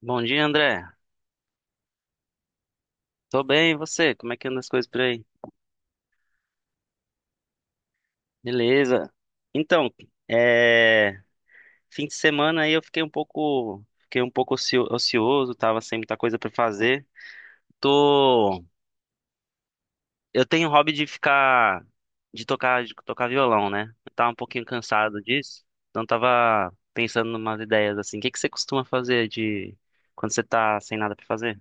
Bom dia, André. Tô bem, e você? Como é que andam as coisas por aí? Beleza. Então, é... fim de semana aí eu fiquei um pouco ocioso, tava sem muita coisa pra fazer. Tô, eu tenho o hobby de tocar violão, né? Eu tava um pouquinho cansado disso, então tava pensando numas ideias assim. O que que você costuma fazer de quando você tá sem nada pra fazer?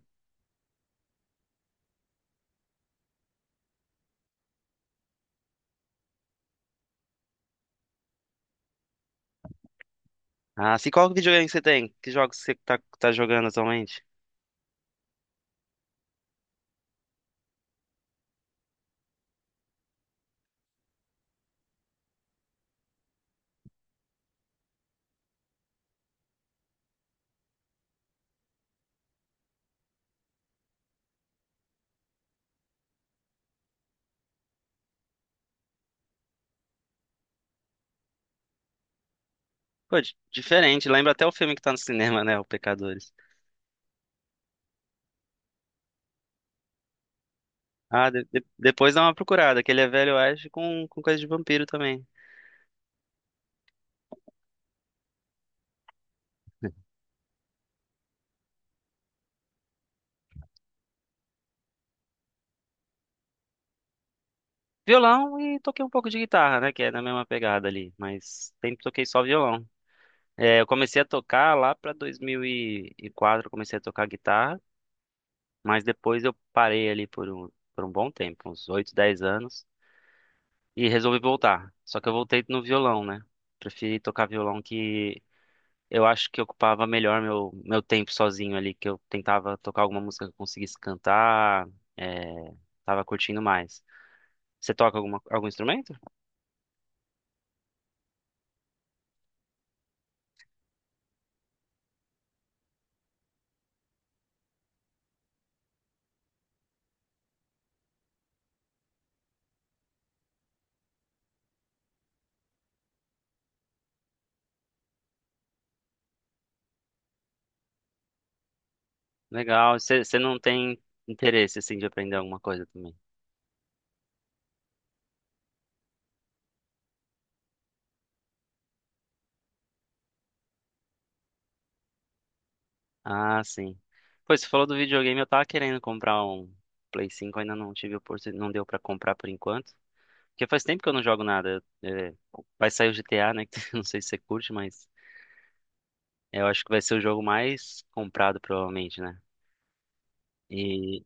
Ah, se qual videogame que você tem? Que jogos você tá jogando atualmente? Pô, diferente. Lembra até o filme que tá no cinema, né? O Pecadores. Ah, depois dá uma procurada, que ele é velho oeste com coisa de vampiro também. Violão e toquei um pouco de guitarra, né? Que é na mesma pegada ali. Mas sempre toquei só violão. É, eu comecei a tocar lá pra 2004, eu comecei a tocar guitarra. Mas depois eu parei ali por um bom tempo, uns 8 10 anos. E resolvi voltar. Só que eu voltei no violão, né? Preferi tocar violão que eu acho que ocupava melhor meu tempo sozinho ali, que eu tentava tocar alguma música que eu conseguisse cantar, é, tava curtindo mais. Você toca alguma, algum instrumento? Legal. Você não tem interesse, assim, de aprender alguma coisa também? Ah, sim. Pois, você falou do videogame, eu tava querendo comprar um Play 5, ainda não tive oportunidade, não deu pra comprar por enquanto. Porque faz tempo que eu não jogo nada. É, vai sair o GTA, né? Que eu não sei se você curte, mas eu acho que vai ser o jogo mais comprado, provavelmente, né? E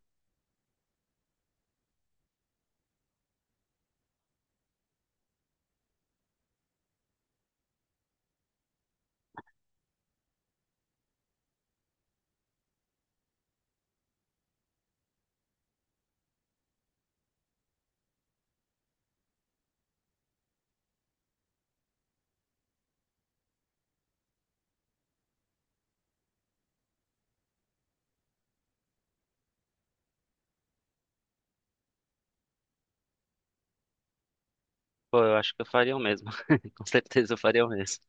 Pô, eu acho que eu faria o mesmo. Com certeza eu faria o mesmo.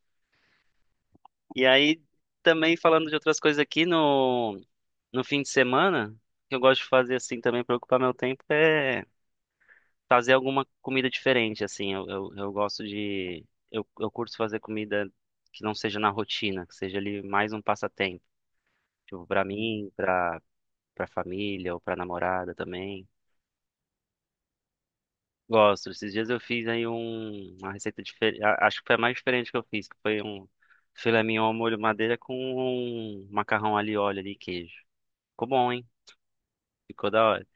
E aí, também falando de outras coisas aqui, no fim de semana, o que eu gosto de fazer assim também para ocupar meu tempo é fazer alguma comida diferente, assim. Eu gosto de. Eu curto fazer comida que não seja na rotina, que seja ali mais um passatempo. Tipo, pra mim, pra família ou pra namorada também. Gosto. Esses dias eu fiz aí um, uma receita diferente. Acho que foi a mais diferente que eu fiz, que foi um filé mignon ao molho madeira com um macarrão ali, óleo ali e queijo. Ficou bom, hein? Ficou da hora.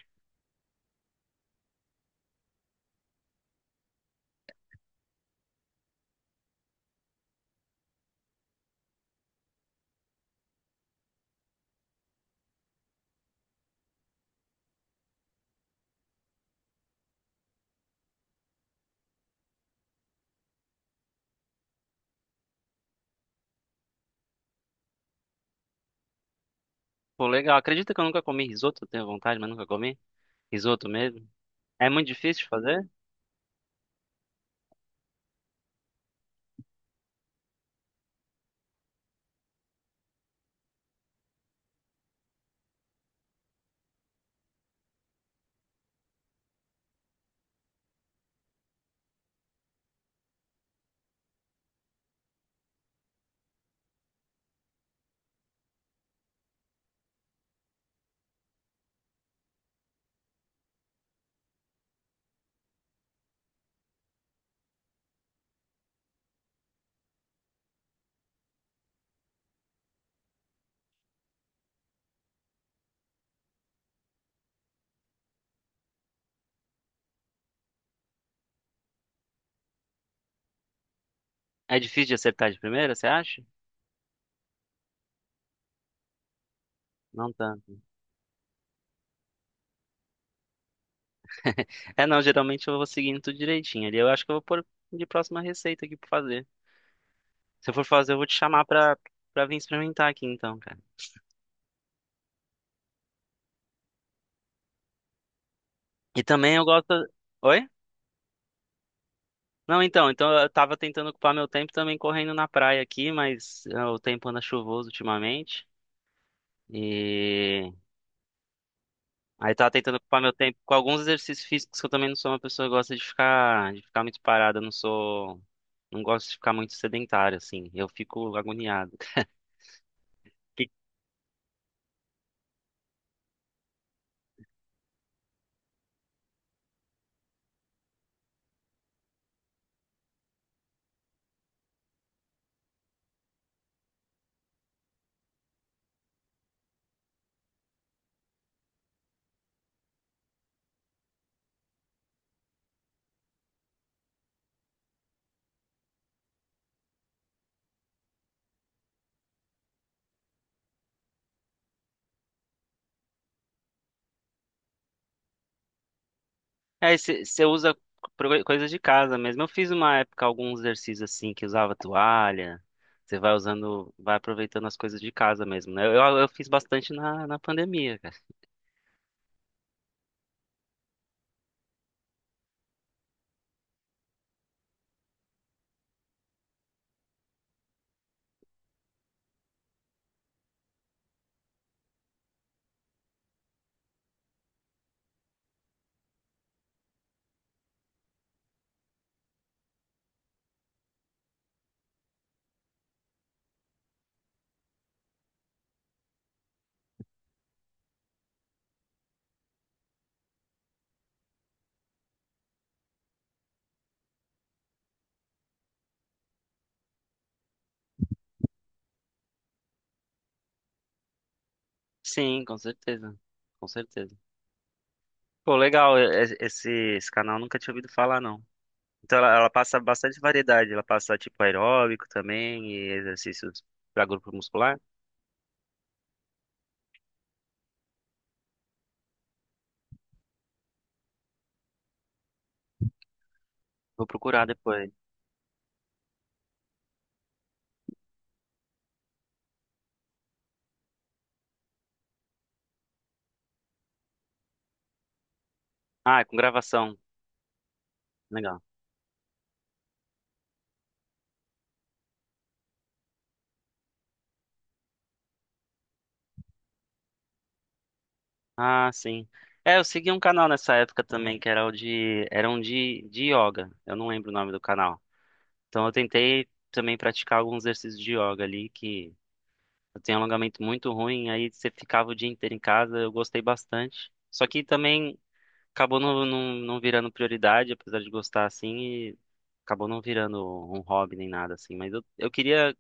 Pô, legal. Acredita que eu nunca comi risoto? Eu tenho vontade, mas nunca comi. Risoto mesmo? É muito difícil de fazer? É difícil de acertar de primeira, você acha? Não tanto. É, não. Geralmente eu vou seguindo tudo direitinho ali. Eu acho que eu vou pôr de próxima receita aqui pra fazer. Se eu for fazer, eu vou te chamar pra vir experimentar aqui então, cara. E também eu gosto. Oi? Não, então eu tava tentando ocupar meu tempo também correndo na praia aqui, mas ah, o tempo anda chuvoso ultimamente. E aí tava tentando ocupar meu tempo com alguns exercícios físicos que eu também não sou uma pessoa que gosta de ficar muito parada, eu não sou, não gosto de ficar muito sedentário assim. Eu fico agoniado. Que- É, você usa coisas de casa mesmo. Eu fiz uma época alguns exercícios assim que usava toalha. Você vai usando, vai aproveitando as coisas de casa mesmo, né? Eu fiz bastante na pandemia. Sim, com certeza. Com certeza. Pô, legal, esse canal eu nunca tinha ouvido falar, não. Então ela passa bastante variedade, ela passa tipo aeróbico também e exercícios para grupo muscular. Vou procurar depois. Ah, é com gravação. Legal. Ah, sim. É, eu segui um canal nessa época também, que era era um de yoga. Eu não lembro o nome do canal. Então eu tentei também praticar alguns exercícios de yoga ali que Eu tenho alongamento muito ruim, aí você ficava o dia inteiro em casa, eu gostei bastante. Só que também acabou não virando prioridade, apesar de gostar assim, e acabou não virando um hobby nem nada assim. Mas eu queria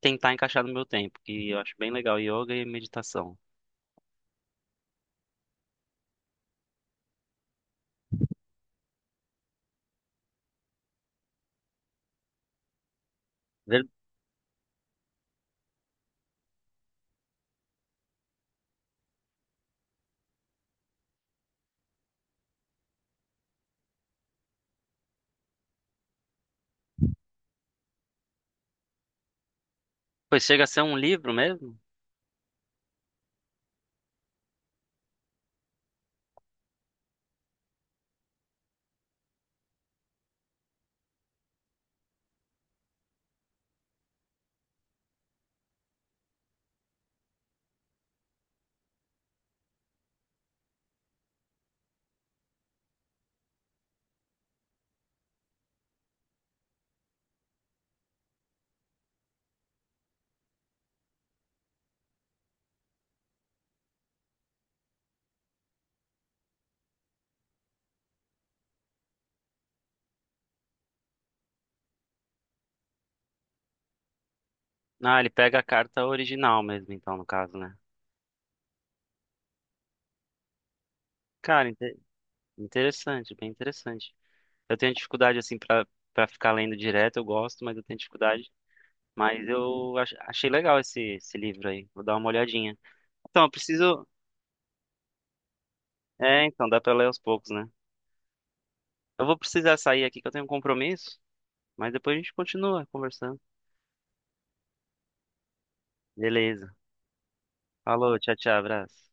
tentar encaixar no meu tempo, que eu acho bem legal yoga e meditação. Ver- Pois chega a ser um livro mesmo? Ah, ele pega a carta original mesmo, então, no caso, né? Cara, interessante, bem interessante. Eu tenho dificuldade assim pra para ficar lendo direto, eu gosto, mas eu tenho dificuldade. Mas eu achei legal esse livro aí. Vou dar uma olhadinha. Então, eu preciso. É, então, dá pra ler aos poucos, né? Eu vou precisar sair aqui que eu tenho um compromisso, mas depois a gente continua conversando. Beleza. Falou, tchau, tchau, abraço.